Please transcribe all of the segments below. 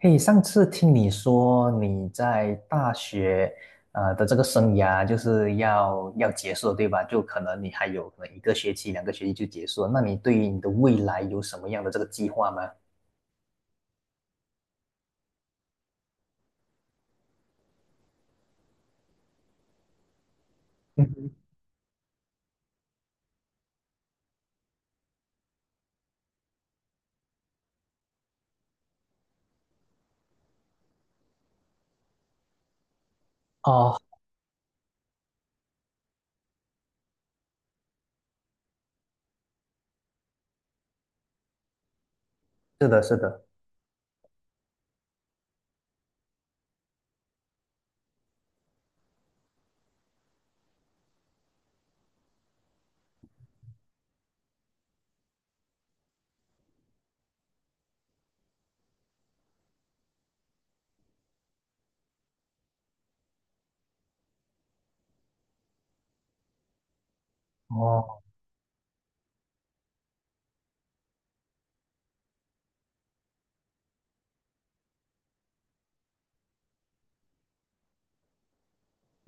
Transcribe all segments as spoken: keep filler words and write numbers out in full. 嘿，上次听你说你在大学呃的这个生涯就是要要结束了，对吧？就可能你还有可能一个学期、两个学期就结束了。那你对于你的未来有什么样的这个计划吗？嗯哼。哦，是的，是的。哦，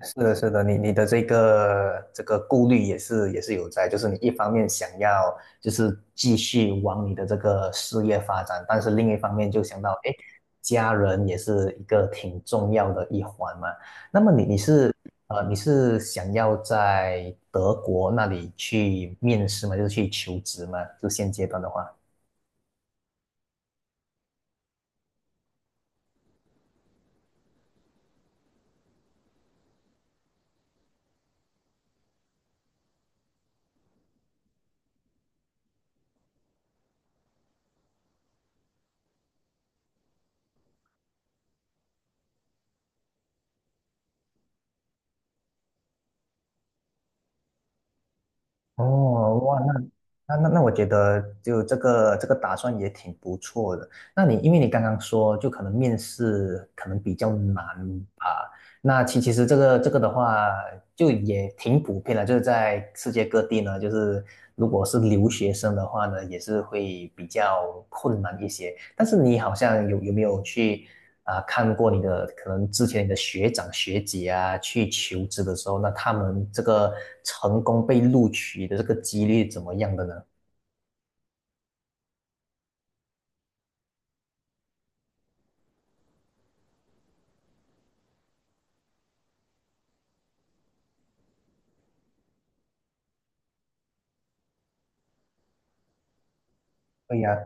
是的，是的，你你的这个这个顾虑也是也是有在，就是你一方面想要就是继续往你的这个事业发展，但是另一方面就想到，哎，家人也是一个挺重要的一环嘛。那么你你是呃你是想要在德国那里去面试吗？就是去求职吗？就现阶段的话。哦，哇，那那那那，我觉得就这个这个打算也挺不错的。那你因为你刚刚说，就可能面试可能比较难吧？那其其实这个这个的话，就也挺普遍的，就是在世界各地呢，就是如果是留学生的话呢，也是会比较困难一些。但是你好像有有没有去啊、看过你的可能之前你的学长学姐啊去求职的时候，那他们这个成功被录取的这个几率怎么样的呢？对呀，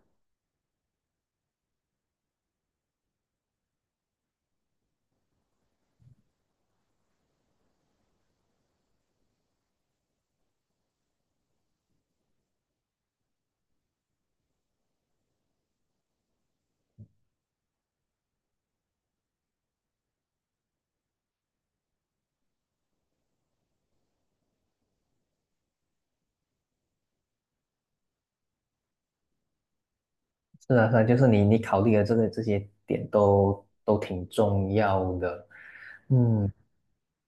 是啊，是啊，就是你你考虑的这个这些点都都挺重要的。嗯，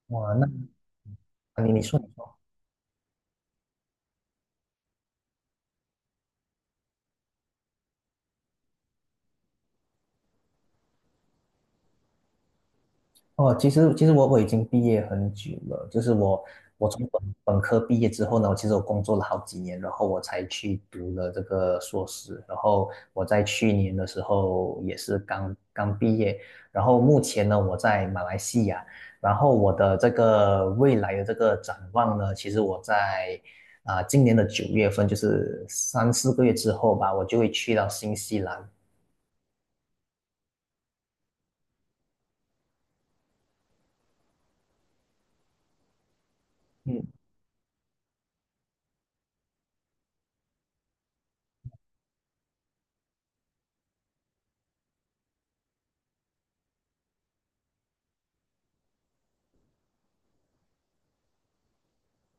哇，那你你说。哦，其实其实我我已经毕业很久了，就是我我从本本科毕业之后呢，其实我工作了好几年，然后我才去读了这个硕士，然后我在去年的时候也是刚刚毕业，然后目前呢我在马来西亚，然后我的这个未来的这个展望呢，其实我在啊、今年的九月份，就是三四个月之后吧，我就会去到新西兰。嗯。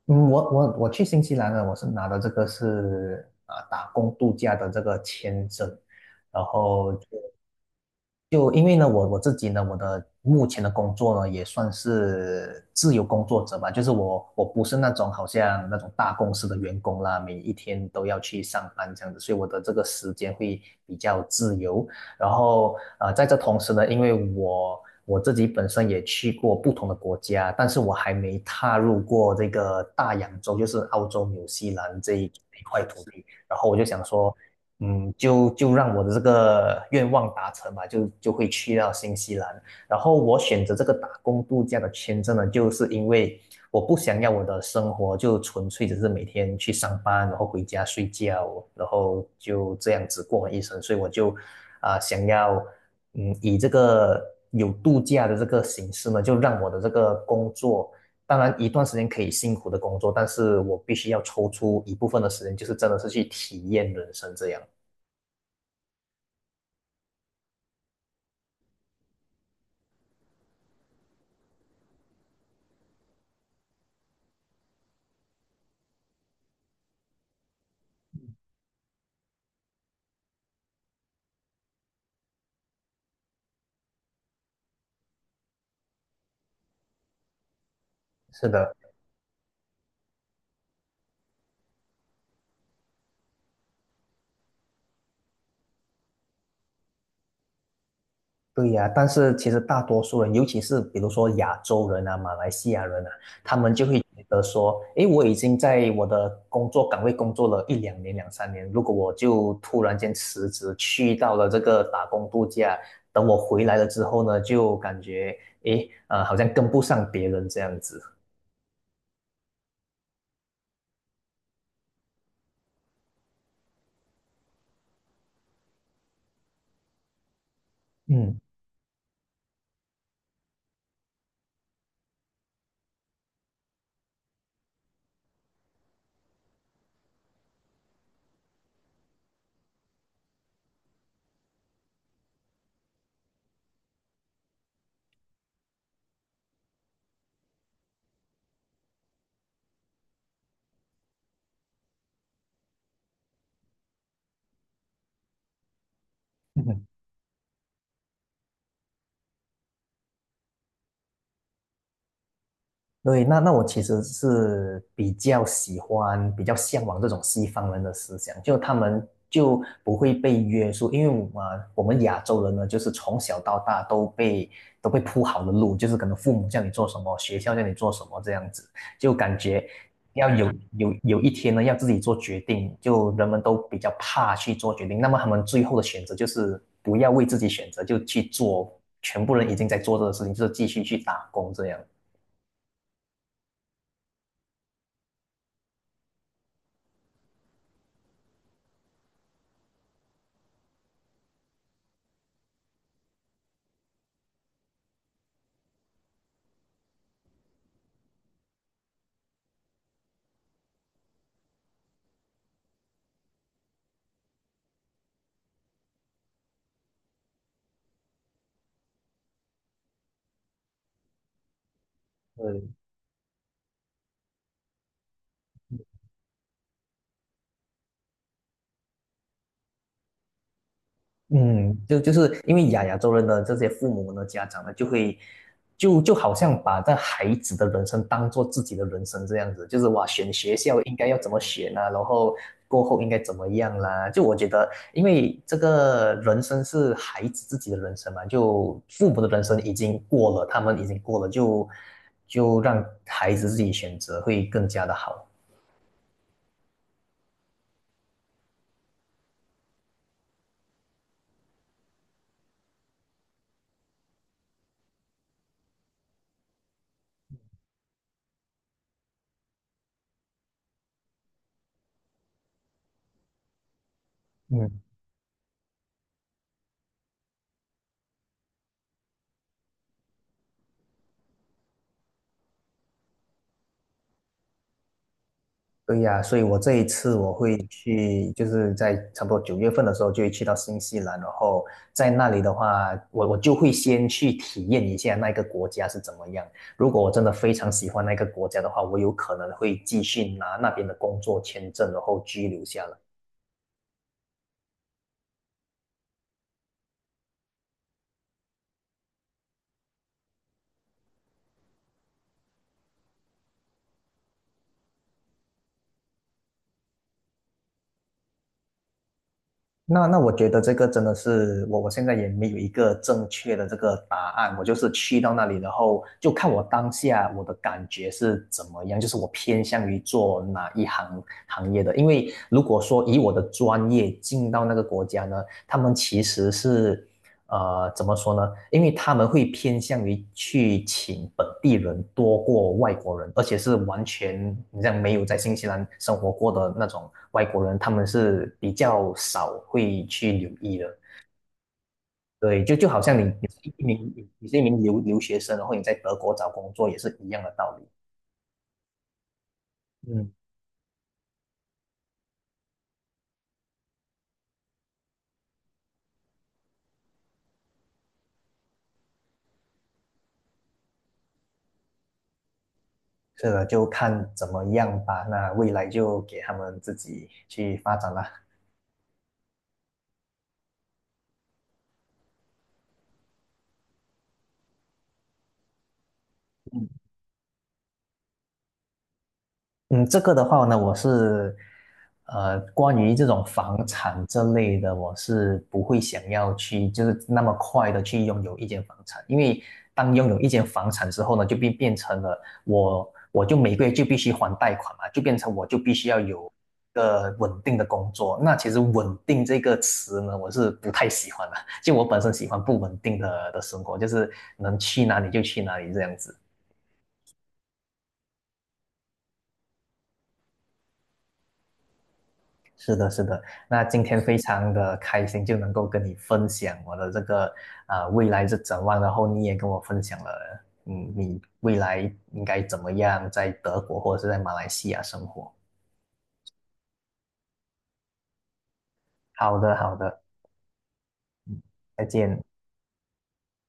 嗯，我我我去新西兰呢，我是拿的这个是啊、打工度假的这个签证，然后就因为呢，我我自己呢，我的目前的工作呢，也算是自由工作者吧，就是我我不是那种好像那种大公司的员工啦，每一天都要去上班这样子，所以我的这个时间会比较自由。然后呃，在这同时呢，因为我我自己本身也去过不同的国家，但是我还没踏入过这个大洋洲，就是澳洲、纽西兰这一这一块土地。然后我就想说，嗯，就就让我的这个愿望达成吧，就就会去到新西兰。然后我选择这个打工度假的签证呢，就是因为我不想要我的生活就纯粹只是每天去上班，然后回家睡觉，然后就这样子过完一生。所以我就啊、想要嗯以这个有度假的这个形式呢，就让我的这个工作。当然，一段时间可以辛苦的工作，但是我必须要抽出一部分的时间，就是真的是去体验人生这样。是的，对呀，但是其实大多数人，尤其是比如说亚洲人啊、马来西亚人啊，他们就会觉得说，诶，我已经在我的工作岗位工作了一两年、两三年，如果我就突然间辞职，去到了这个打工度假，等我回来了之后呢，就感觉，诶，呃，好像跟不上别人这样子。嗯。 对，那那我其实是比较喜欢、比较向往这种西方人的思想，就他们就不会被约束，因为我们我们亚洲人呢，就是从小到大都被都被铺好的路，就是可能父母叫你做什么，学校叫你做什么这样子，就感觉要有嗯有有一天呢，要自己做决定，就人们都比较怕去做决定，那么他们最后的选择就是不要为自己选择，就去做全部人已经在做这个事情，就是继续去打工这样。对。嗯，就就是因为亚亚洲人的这些父母呢，家长呢，就会就就好像把这孩子的人生当做自己的人生这样子，就是哇，选学校应该要怎么选啊，然后过后应该怎么样啦、就我觉得，因为这个人生是孩子自己的人生嘛，就父母的人生已经过了，他们已经过了，就就让孩子自己选择会更加的好。嗯。对呀，所以我这一次我会去，就是在差不多九月份的时候就会去到新西兰，然后在那里的话，我我就会先去体验一下那个国家是怎么样。如果我真的非常喜欢那个国家的话，我有可能会继续拿那边的工作签证，然后居留下来。那那我觉得这个真的是我我现在也没有一个正确的这个答案，我就是去到那里，然后就看我当下我的感觉是怎么样，就是我偏向于做哪一行行业的。因为如果说以我的专业进到那个国家呢，他们其实是呃，怎么说呢？因为他们会偏向于去请本地人多过外国人，而且是完全你像没有在新西兰生活过的那种外国人，他们是比较少会去留意的。对，就就好像你你是一名你是一名留留学生，然后你在德国找工作也是一样的道理。嗯，是的，就看怎么样吧。那未来就给他们自己去发展啦。嗯，这个的话呢，我是，呃，关于这种房产这类的，我是不会想要去，就是那么快的去拥有一间房产，因为当拥有一间房产之后呢，就变变成了我，我就每个月就必须还贷款嘛，就变成我就必须要有一个稳定的工作。那其实"稳定"这个词呢，我是不太喜欢的，就我本身喜欢不稳定的的生活，就是能去哪里就去哪里这样子。是的，是的。那今天非常的开心，就能够跟你分享我的这个啊、呃未来是展望，然后你也跟我分享了，嗯，你未来应该怎么样在德国或者是在马来西亚生活。好的，好的，再见。